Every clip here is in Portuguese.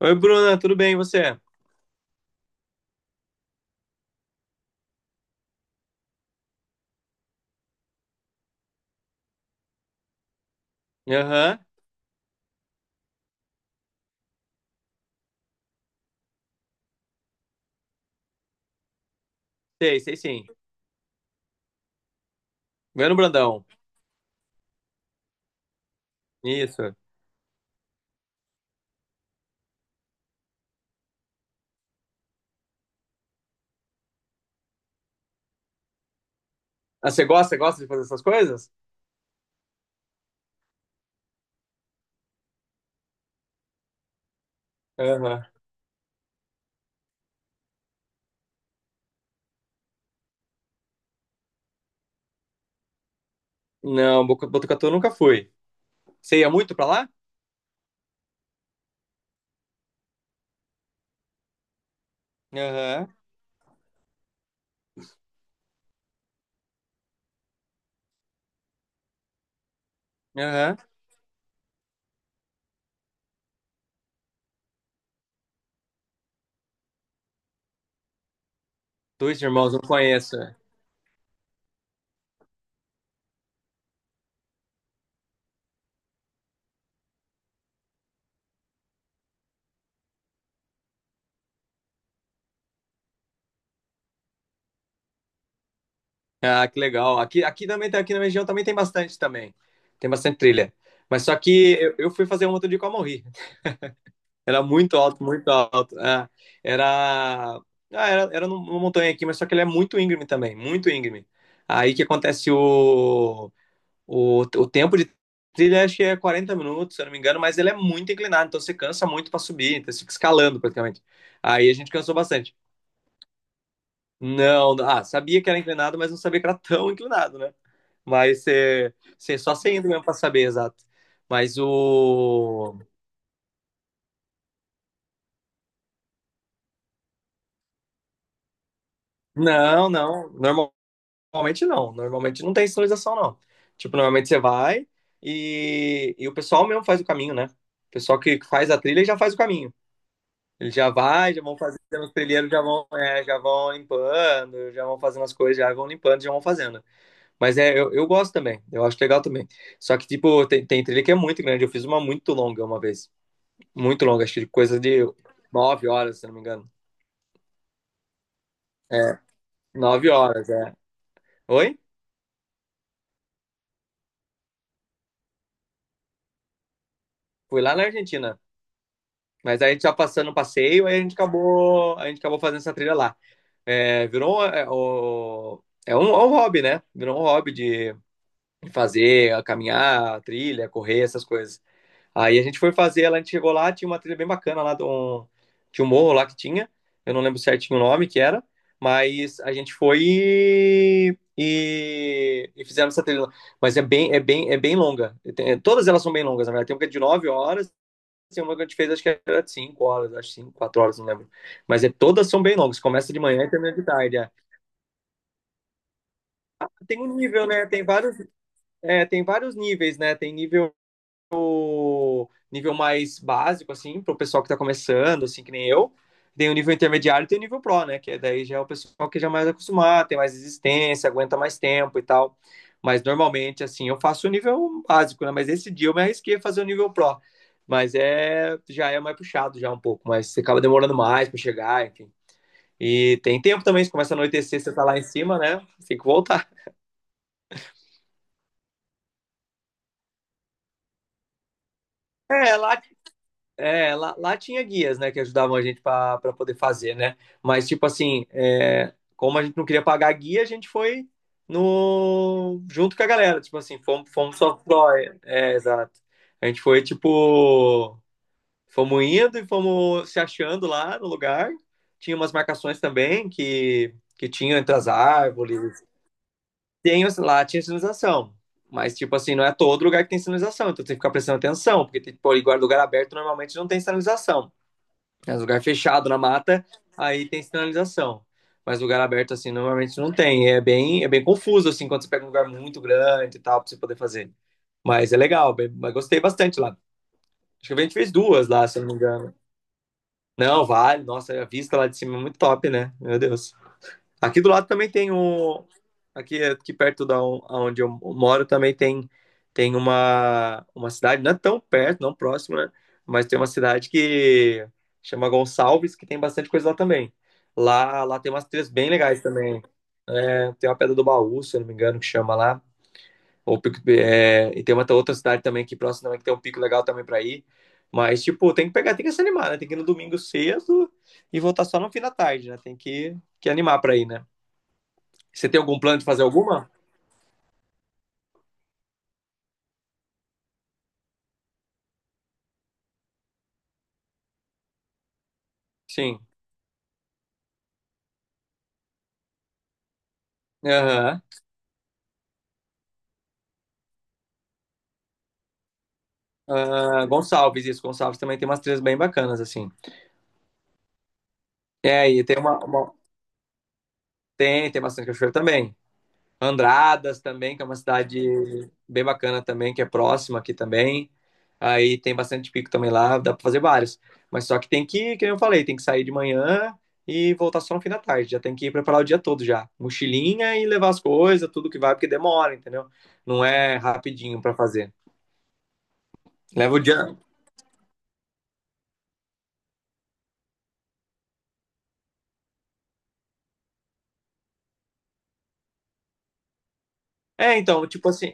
Oi, Bruna, tudo bem, e você? Aham, sei, sei sim. Vendo, Brandão. Isso. Ah, você gosta de fazer essas coisas? Aham. Não, Botucatu eu nunca fui. Você ia muito pra lá? Aham, aham. Dois irmãos, não conheço. Ah, que legal. Aqui também, aqui na região também. Tem bastante trilha. Mas só que eu fui fazer um outro dia com a. Era muito alto, muito alto. É. Era, era numa montanha aqui, mas só que ele é muito íngreme também, muito íngreme. Aí que acontece o tempo de trilha, acho que é 40 minutos, se eu não me engano, mas ele é muito inclinado, então você cansa muito para subir, então você fica escalando praticamente. Aí a gente cansou bastante. Não, ah, sabia que era inclinado, mas não sabia que era tão inclinado, né? Mas você só você indo mesmo para saber, exato. Mas o. Não, não. Normal. Normalmente não tem sinalização, não. Tipo, normalmente você vai e o pessoal mesmo faz o caminho, né? O pessoal que faz a trilha já faz o caminho. Eles já vai, já vão fazendo os trilheiros, já vão, já vão limpando, já vão fazendo as coisas, já vão limpando, já vão fazendo. Mas é, eu gosto também, eu acho legal também. Só que, tipo, tem trilha que é muito grande. Eu fiz uma muito longa uma vez. Muito longa, acho que coisa de 9 horas, se não me engano. É, 9 horas, é. Oi? Fui lá na Argentina. Mas aí a gente já passando o passeio, aí a gente acabou fazendo essa trilha lá. É, virou um hobby, né? Virou um hobby de fazer, caminhar, trilha, correr, essas coisas. Aí a gente foi fazer, ela, a gente chegou lá, tinha uma trilha bem bacana lá, de um, tinha um morro lá que tinha, eu não lembro certinho o nome que era, mas a gente foi e fizemos essa trilha lá. Mas é bem longa. Todas elas são bem longas, na verdade. Tem uma que é de 9 horas, tem uma que a gente fez, acho que era de 5 horas, acho 5 4 horas, não lembro. Mas é, todas são bem longas, começa de manhã e termina de tarde. É. Tem um nível, né? Tem vários níveis, né? Tem nível mais básico, assim, para o pessoal que está começando, assim, que nem eu. Tem o nível intermediário e tem o nível pro, né? Daí já é o pessoal que já é mais acostumado, tem mais resistência, aguenta mais tempo e tal. Mas normalmente, assim, eu faço o nível básico, né? Mas esse dia eu me arrisquei a fazer o nível pro. Mas é, já é mais puxado já um pouco, mas você acaba demorando mais para chegar, enfim. E tem tempo também, se começa a anoitecer, você tá lá em cima, né? Tem que voltar. É, lá, lá tinha guias, né, que ajudavam a gente pra poder fazer, né? Mas, tipo assim, como a gente não queria pagar guia, a gente foi no junto com a galera, tipo assim, fomos só pró, exato. A gente foi, tipo, fomos indo e fomos se achando lá no lugar. Tinha umas marcações também que tinham entre as árvores. Tem, lá tinha sinalização. Mas, tipo assim, não é todo lugar que tem sinalização, então tem que ficar prestando atenção, porque tipo pô, igual lugar aberto normalmente não tem sinalização. É um lugar fechado na mata, aí tem sinalização. Mas lugar aberto, assim, normalmente não tem. É bem confuso, assim, quando você pega um lugar muito grande e tal, pra você poder fazer. Mas é legal, mas gostei bastante lá. Acho que a gente fez duas lá, se eu não me engano. Não, vale. Nossa, a vista lá de cima é muito top, né? Meu Deus. Aqui do lado também tem um. É aqui perto da onde eu moro também tem uma cidade, não é tão perto, não próximo, né? Mas tem uma cidade que chama Gonçalves, que tem bastante coisa lá também. Lá tem umas trilhas bem legais também. É, tem uma Pedra do Baú, se eu não me engano, que chama lá. E tem uma outra cidade também aqui próxima também, que tem um pico legal também pra ir. Mas, tipo, tem que pegar, tem que se animar, né? Tem que ir no domingo cedo e voltar só no fim da tarde, né? Tem que animar pra ir, né? Você tem algum plano de fazer alguma? Sim. Aham. Ah, Gonçalves, isso. Gonçalves também tem umas trilhas bem bacanas, assim. É, e tem uma. Tem bastante cachoeira também. Andradas também, que é uma cidade bem bacana também, que é próxima aqui também. Aí tem bastante pico também lá, dá pra fazer vários. Mas só que tem que, como eu falei, tem que sair de manhã e voltar só no fim da tarde. Já tem que ir preparar o dia todo já. Mochilinha e levar as coisas, tudo que vai, porque demora, entendeu? Não é rapidinho pra fazer. Leva o dia. É, então, tipo assim.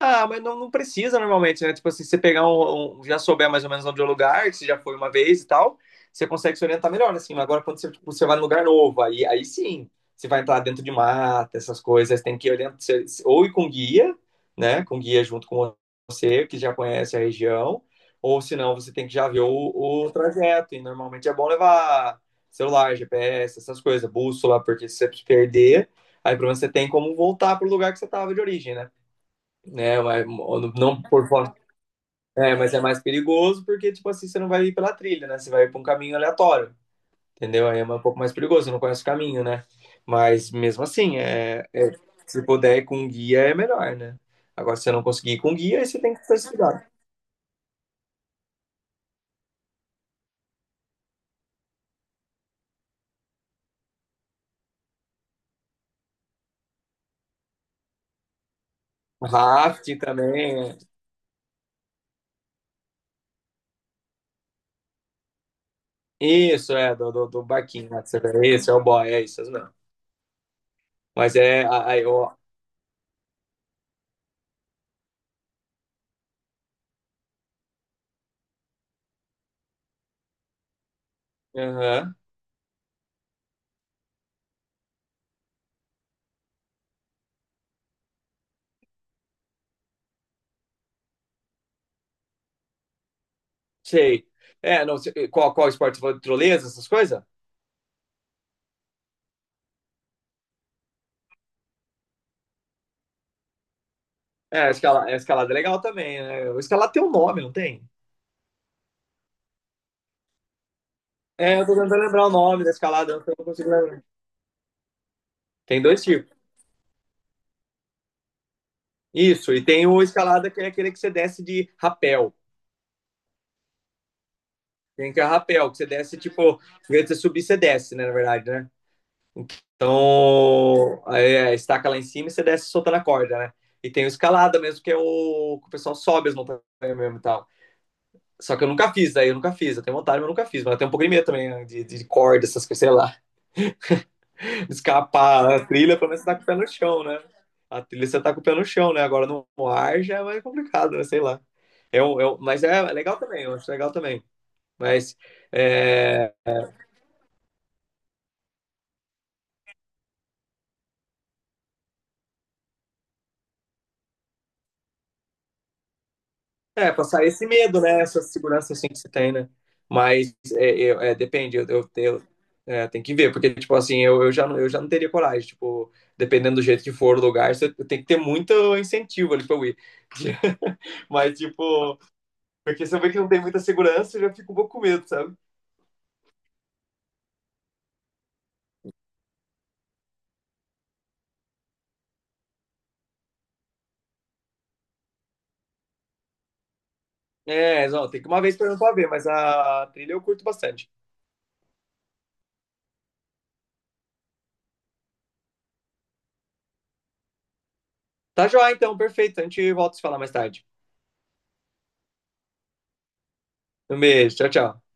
Ah, mas não, não precisa normalmente, né? Tipo assim, se você pegar já souber mais ou menos onde é o lugar, que você já foi uma vez e tal, você consegue se orientar melhor, né, assim. Mas agora, quando você, tipo, você vai num lugar novo, aí sim, você vai entrar dentro de mata, essas coisas, tem que orientar, ou ir com guia, né? Com guia junto com você, que já conhece a região, ou senão você tem que já ver o trajeto, e normalmente é bom levar celular, GPS, essas coisas, bússola, porque se você se perder, aí pelo menos você tem como voltar pro lugar que você estava de origem, né? Né, mas não por fora. É, mas é mais perigoso porque, tipo assim, você não vai ir pela trilha, né? Você vai ir por um caminho aleatório, entendeu? Aí é um pouco mais perigoso, você não conhece o caminho, né? Mas mesmo assim, se puder ir com guia é melhor, né? Agora, se você não conseguir ir com guia, aí você tem que ter esse cuidado. Raft também. Isso, é, do barquinho lá que você vê. Esse é o boy, é isso, não. Mas é. Aí, ó. Aham, sei. É, não, qual esporte? Você falou de tirolesa, essas coisas? É, a escalada é legal também, né? O escalada tem um nome, não tem? É, eu tô tentando lembrar o nome da escalada, eu não consigo lembrar. Tem dois tipos. Isso, e tem o escalada que é aquele que você desce de rapel. Tem que é rapel, que você desce, tipo, em vez de você subir, você desce, né, na verdade, né? Então, aí, estaca lá em cima e você desce soltando a corda, né? E tem o escalada mesmo, que é o que o pessoal sobe as montanhas mesmo e tal. Só que eu nunca fiz, aí eu nunca fiz. Eu tenho vontade, mas eu nunca fiz. Mas eu tenho um pouco de medo também, né, de corda, essas coisas, sei lá. Escapar, né? A trilha, pelo menos você tá com o pé no chão, né? A trilha você tá com o pé no chão, né? Agora no ar já é mais complicado, né? Sei lá. Mas é legal também, eu acho legal também. Mas é, é passar esse medo, né? Essa segurança assim que você tem, né? Mas depende, tem que ver, porque, tipo assim, eu já não teria coragem, tipo, dependendo do jeito que for o lugar, você tem que ter muito incentivo ali pra eu ir. Mas, tipo, porque se eu ver que não tem muita segurança, eu já fico um pouco com medo, sabe? É, não, tem que uma vez por ano pra ver, mas a trilha eu curto bastante. Tá joia, então, perfeito. A gente volta a se falar mais tarde. Um beijo, tchau, tchau.